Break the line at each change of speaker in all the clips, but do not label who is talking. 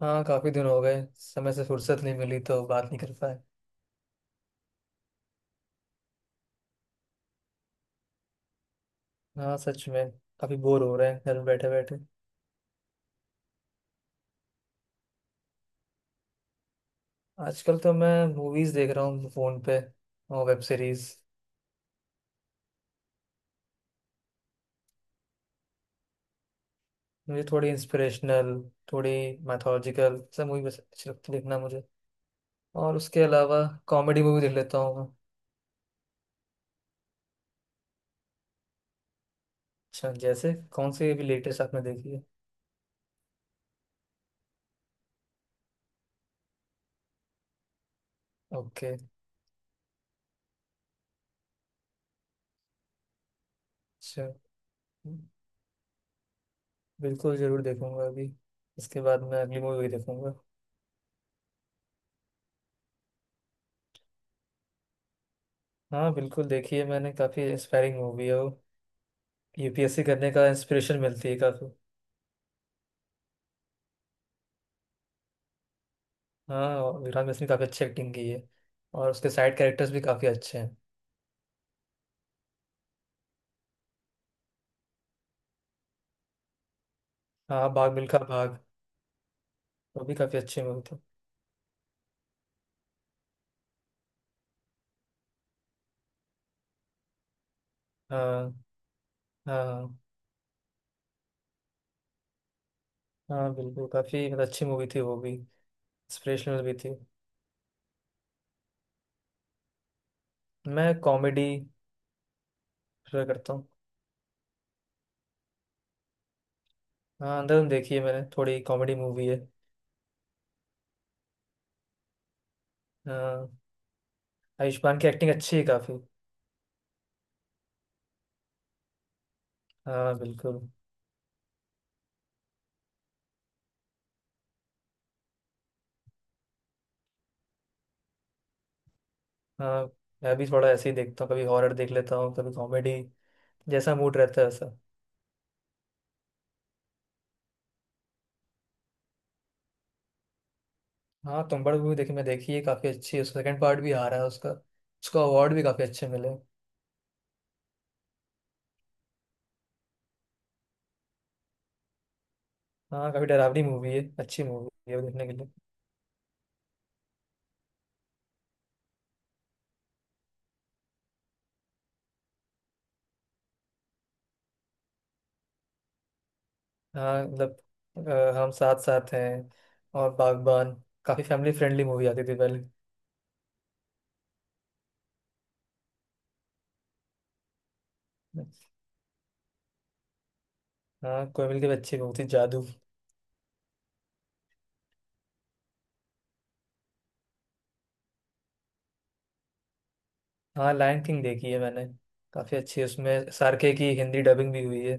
हाँ काफी दिन हो गए। समय से फुर्सत नहीं मिली तो बात नहीं कर पाए। हाँ सच में। काफी बोर हो रहे हैं घर में बैठे बैठे। आजकल तो मैं मूवीज देख रहा हूँ फोन पे और वेब सीरीज। मुझे थोड़ी इंस्पिरेशनल, थोड़ी मैथोलॉजिकल सब मूवी बस अच्छी लगती है देखना मुझे। और उसके अलावा कॉमेडी मूवी देख लेता हूँ मैं। अच्छा, जैसे कौन सी अभी लेटेस्ट आपने देखी है। ओके। अच्छा। बिल्कुल जरूर देखूंगा अभी। इसके बाद मैं अगली मूवी भी देखूंगा। हाँ बिल्कुल देखी है मैंने, काफी इंस्पायरिंग मूवी है वो। यूपीएससी करने का इंस्पिरेशन मिलती है काफ़ी। हाँ और विक्रांत मिश्रा ने काफ़ी अच्छी एक्टिंग की है। और उसके साइड कैरेक्टर्स भी काफ़ी अच्छे हैं। हाँ, भाग मिल्खा भाग वो भी काफ़ी अच्छी मूवी थी। हाँ। हाँ। हाँ बिल्कुल, काफ़ी मतलब अच्छी मूवी थी वो भी। इंस्पिरेशनल भी थी। मैं कॉमेडी प्रेफर करता हूँ। हाँ अंदर देखी है मैंने, थोड़ी कॉमेडी मूवी है। हाँ। आयुष्मान की एक्टिंग अच्छी है काफ़ी। हाँ बिल्कुल। हाँ मैं भी थोड़ा ऐसे ही देखता हूँ, कभी हॉरर देख लेता हूँ कभी कॉमेडी, जैसा मूड रहता है। हाँ तुम बड़ मूवी देखी, मैं देखी है, काफी अच्छी है। उसका सेकंड पार्ट भी आ रहा है। उसका, उसको अवार्ड भी काफी अच्छे मिले। हाँ काफी डरावनी मूवी है, अच्छी मूवी है वो देखने के लिए। हाँ मतलब, हम साथ साथ हैं और बागबान, काफी फैमिली फ्रेंडली मूवी आती थी पहले। हाँ, कोई की भी अच्छी मूवी थी जादू। हाँ लायन किंग देखी है मैंने, काफी अच्छी है। उसमें सार्के की हिंदी डबिंग भी हुई है।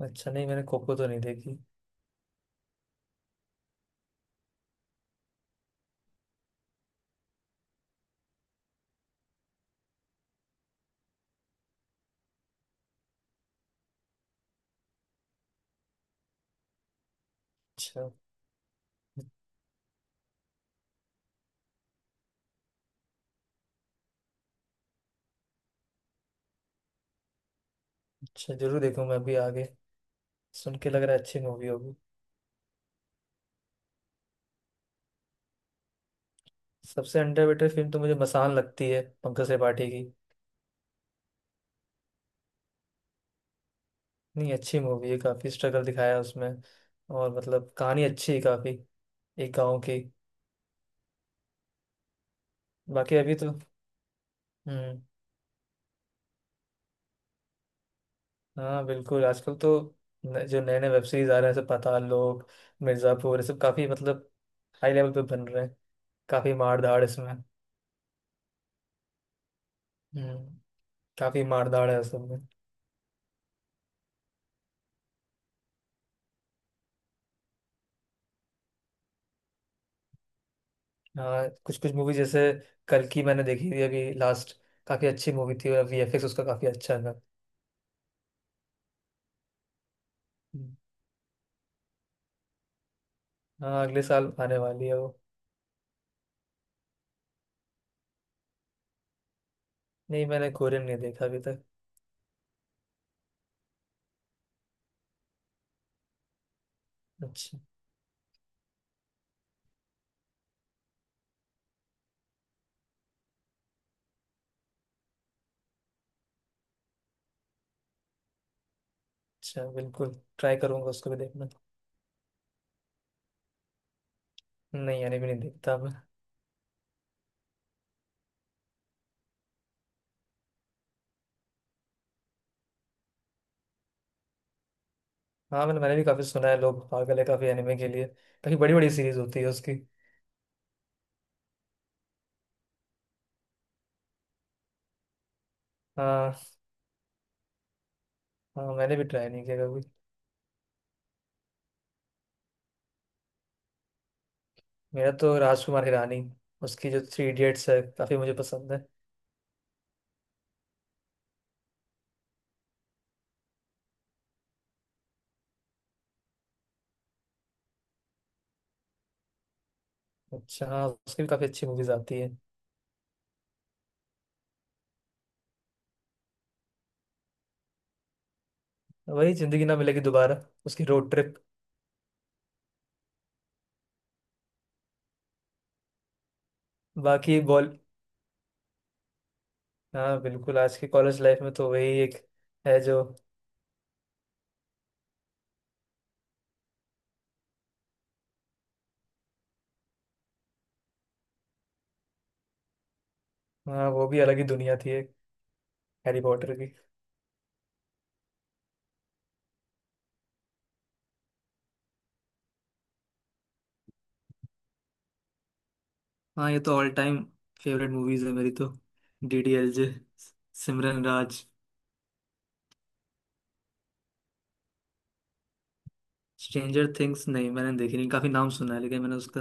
अच्छा नहीं, मैंने कोको तो नहीं देखी। अच्छा। अच्छा जरूर देखूंगा अभी आगे। सुन के लग रहा है अच्छी मूवी होगी। सबसे अंडररेटेड फिल्म तो मुझे मसान लगती है, पंकज त्रिपाठी की। नहीं अच्छी मूवी है काफ़ी। स्ट्रगल दिखाया है उसमें। और मतलब कहानी अच्छी है काफ़ी। एक गांव की। बाकी अभी तो। हम्म हाँ बिल्कुल, आजकल तो जो नए नए वेब सीरीज आ रहे हैं जैसे पाताल लोक, मिर्ज़ापुर, ये सब काफ़ी मतलब हाई लेवल पे बन रहे हैं। काफ़ी मार धाड़ इसमें। हम्म काफ़ी मार धाड़ है सब में। हाँ कुछ कुछ मूवी जैसे कल की मैंने देखी थी अभी लास्ट, काफ़ी अच्छी मूवी थी और वीएफएक्स उसका काफ़ी अच्छा था। हम्म। हाँ अगले साल आने वाली है वो। नहीं मैंने कोरियन नहीं देखा अभी तक। अच्छा। अच्छा बिल्कुल ट्राई करूंगा उसको भी देखना। नहीं एनिमे नहीं देखता मैं। हाँ मैंने मैंने भी काफ़ी सुना है, लोग पागल है काफ़ी एनिमे के लिए। काफ़ी बड़ी बड़ी सीरीज होती है उसकी। हाँ। हाँ मैंने भी ट्राई नहीं किया कभी। मेरा तो राजकुमार हिरानी, उसकी जो थ्री इडियट्स है काफ़ी मुझे पसंद है। अच्छा हाँ उसकी भी काफ़ी अच्छी मूवीज आती है। वही जिंदगी ना मिलेगी दोबारा, उसकी रोड ट्रिप। बाकी बॉल। हाँ बिल्कुल, आज की कॉलेज लाइफ में तो वही एक है जो। हाँ वो भी अलग ही दुनिया थी एक, हैरी पॉटर की। हाँ ये तो ऑल टाइम फेवरेट मूवीज है मेरी तो। D D L J, Simran Raj. Stranger things नहीं मैंने देखी, नहीं काफी नाम सुना है लेकिन मैंने उसका।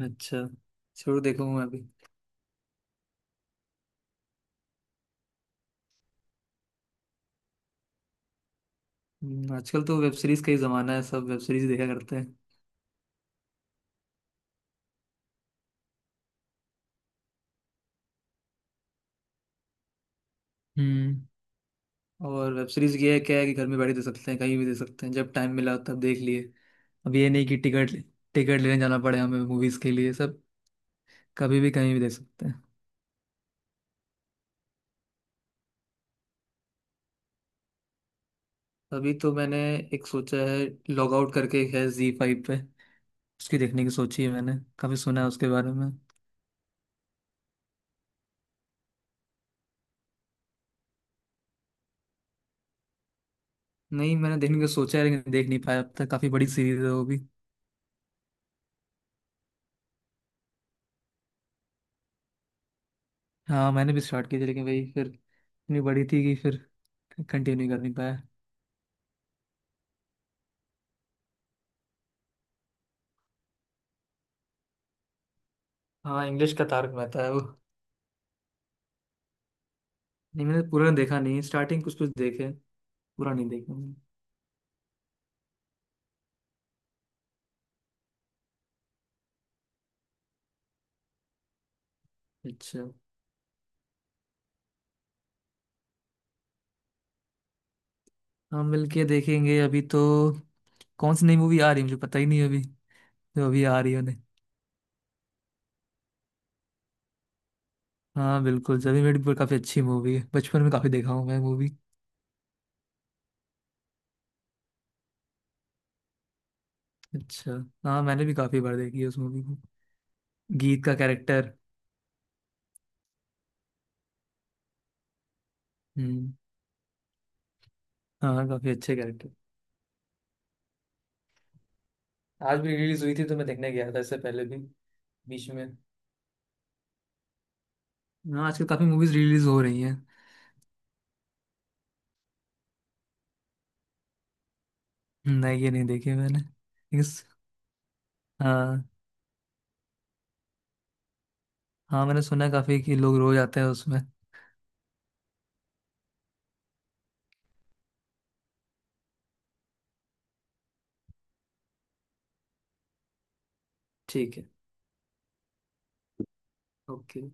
अच्छा जरूर देखूंगा मैं अभी। आजकल तो वेब सीरीज का ही जमाना है, सब वेब सीरीज देखा करते हैं। हम्म और वेब सीरीज ये है क्या है कि घर में बैठे देख सकते हैं, कहीं भी देख सकते हैं, जब टाइम मिला तब देख लिए। अब ये नहीं कि टिकट टिकट लेने जाना पड़े हमें मूवीज के लिए। सब कभी भी कहीं भी देख सकते हैं। अभी तो मैंने एक सोचा है, लॉग आउट करके एक है जी फाइव पे, उसकी देखने की सोची है मैंने। काफी सुना है उसके बारे में। नहीं मैंने देखने का सोचा है लेकिन देख नहीं पाया अब तक, काफी बड़ी सीरीज है वो भी। हाँ मैंने भी स्टार्ट की थी लेकिन वही फिर इतनी बड़ी थी कि फिर कंटिन्यू कर नहीं पाया। हाँ इंग्लिश का तारक मेहता है वो। नहीं मैंने पूरा देखा नहीं, स्टार्टिंग कुछ कुछ देखे, पूरा नहीं देखा मैंने। अच्छा। हाँ मिलके देखेंगे अभी तो। कौन सी नई मूवी आ रही है मुझे पता ही नहीं अभी, जो अभी आ रही है। हाँ बिल्कुल, जब मेरी पर काफी अच्छी मूवी है, बचपन में काफी देखा हूँ मैं मूवी। अच्छा। हाँ मैंने भी काफी बार देखी है उस मूवी को। गीत का कैरेक्टर। हम्म हाँ काफी अच्छे कैरेक्टर। आज भी रिलीज हुई थी तो मैं देखने गया था इससे पहले भी, बीच में। हाँ आजकल काफी मूवीज रिलीज हो रही हैं। नहीं ये नहीं देखी मैंने लेकिन हाँ। हाँ मैंने सुना है काफी कि लोग रोज आते हैं उसमें। ठीक है। ओके।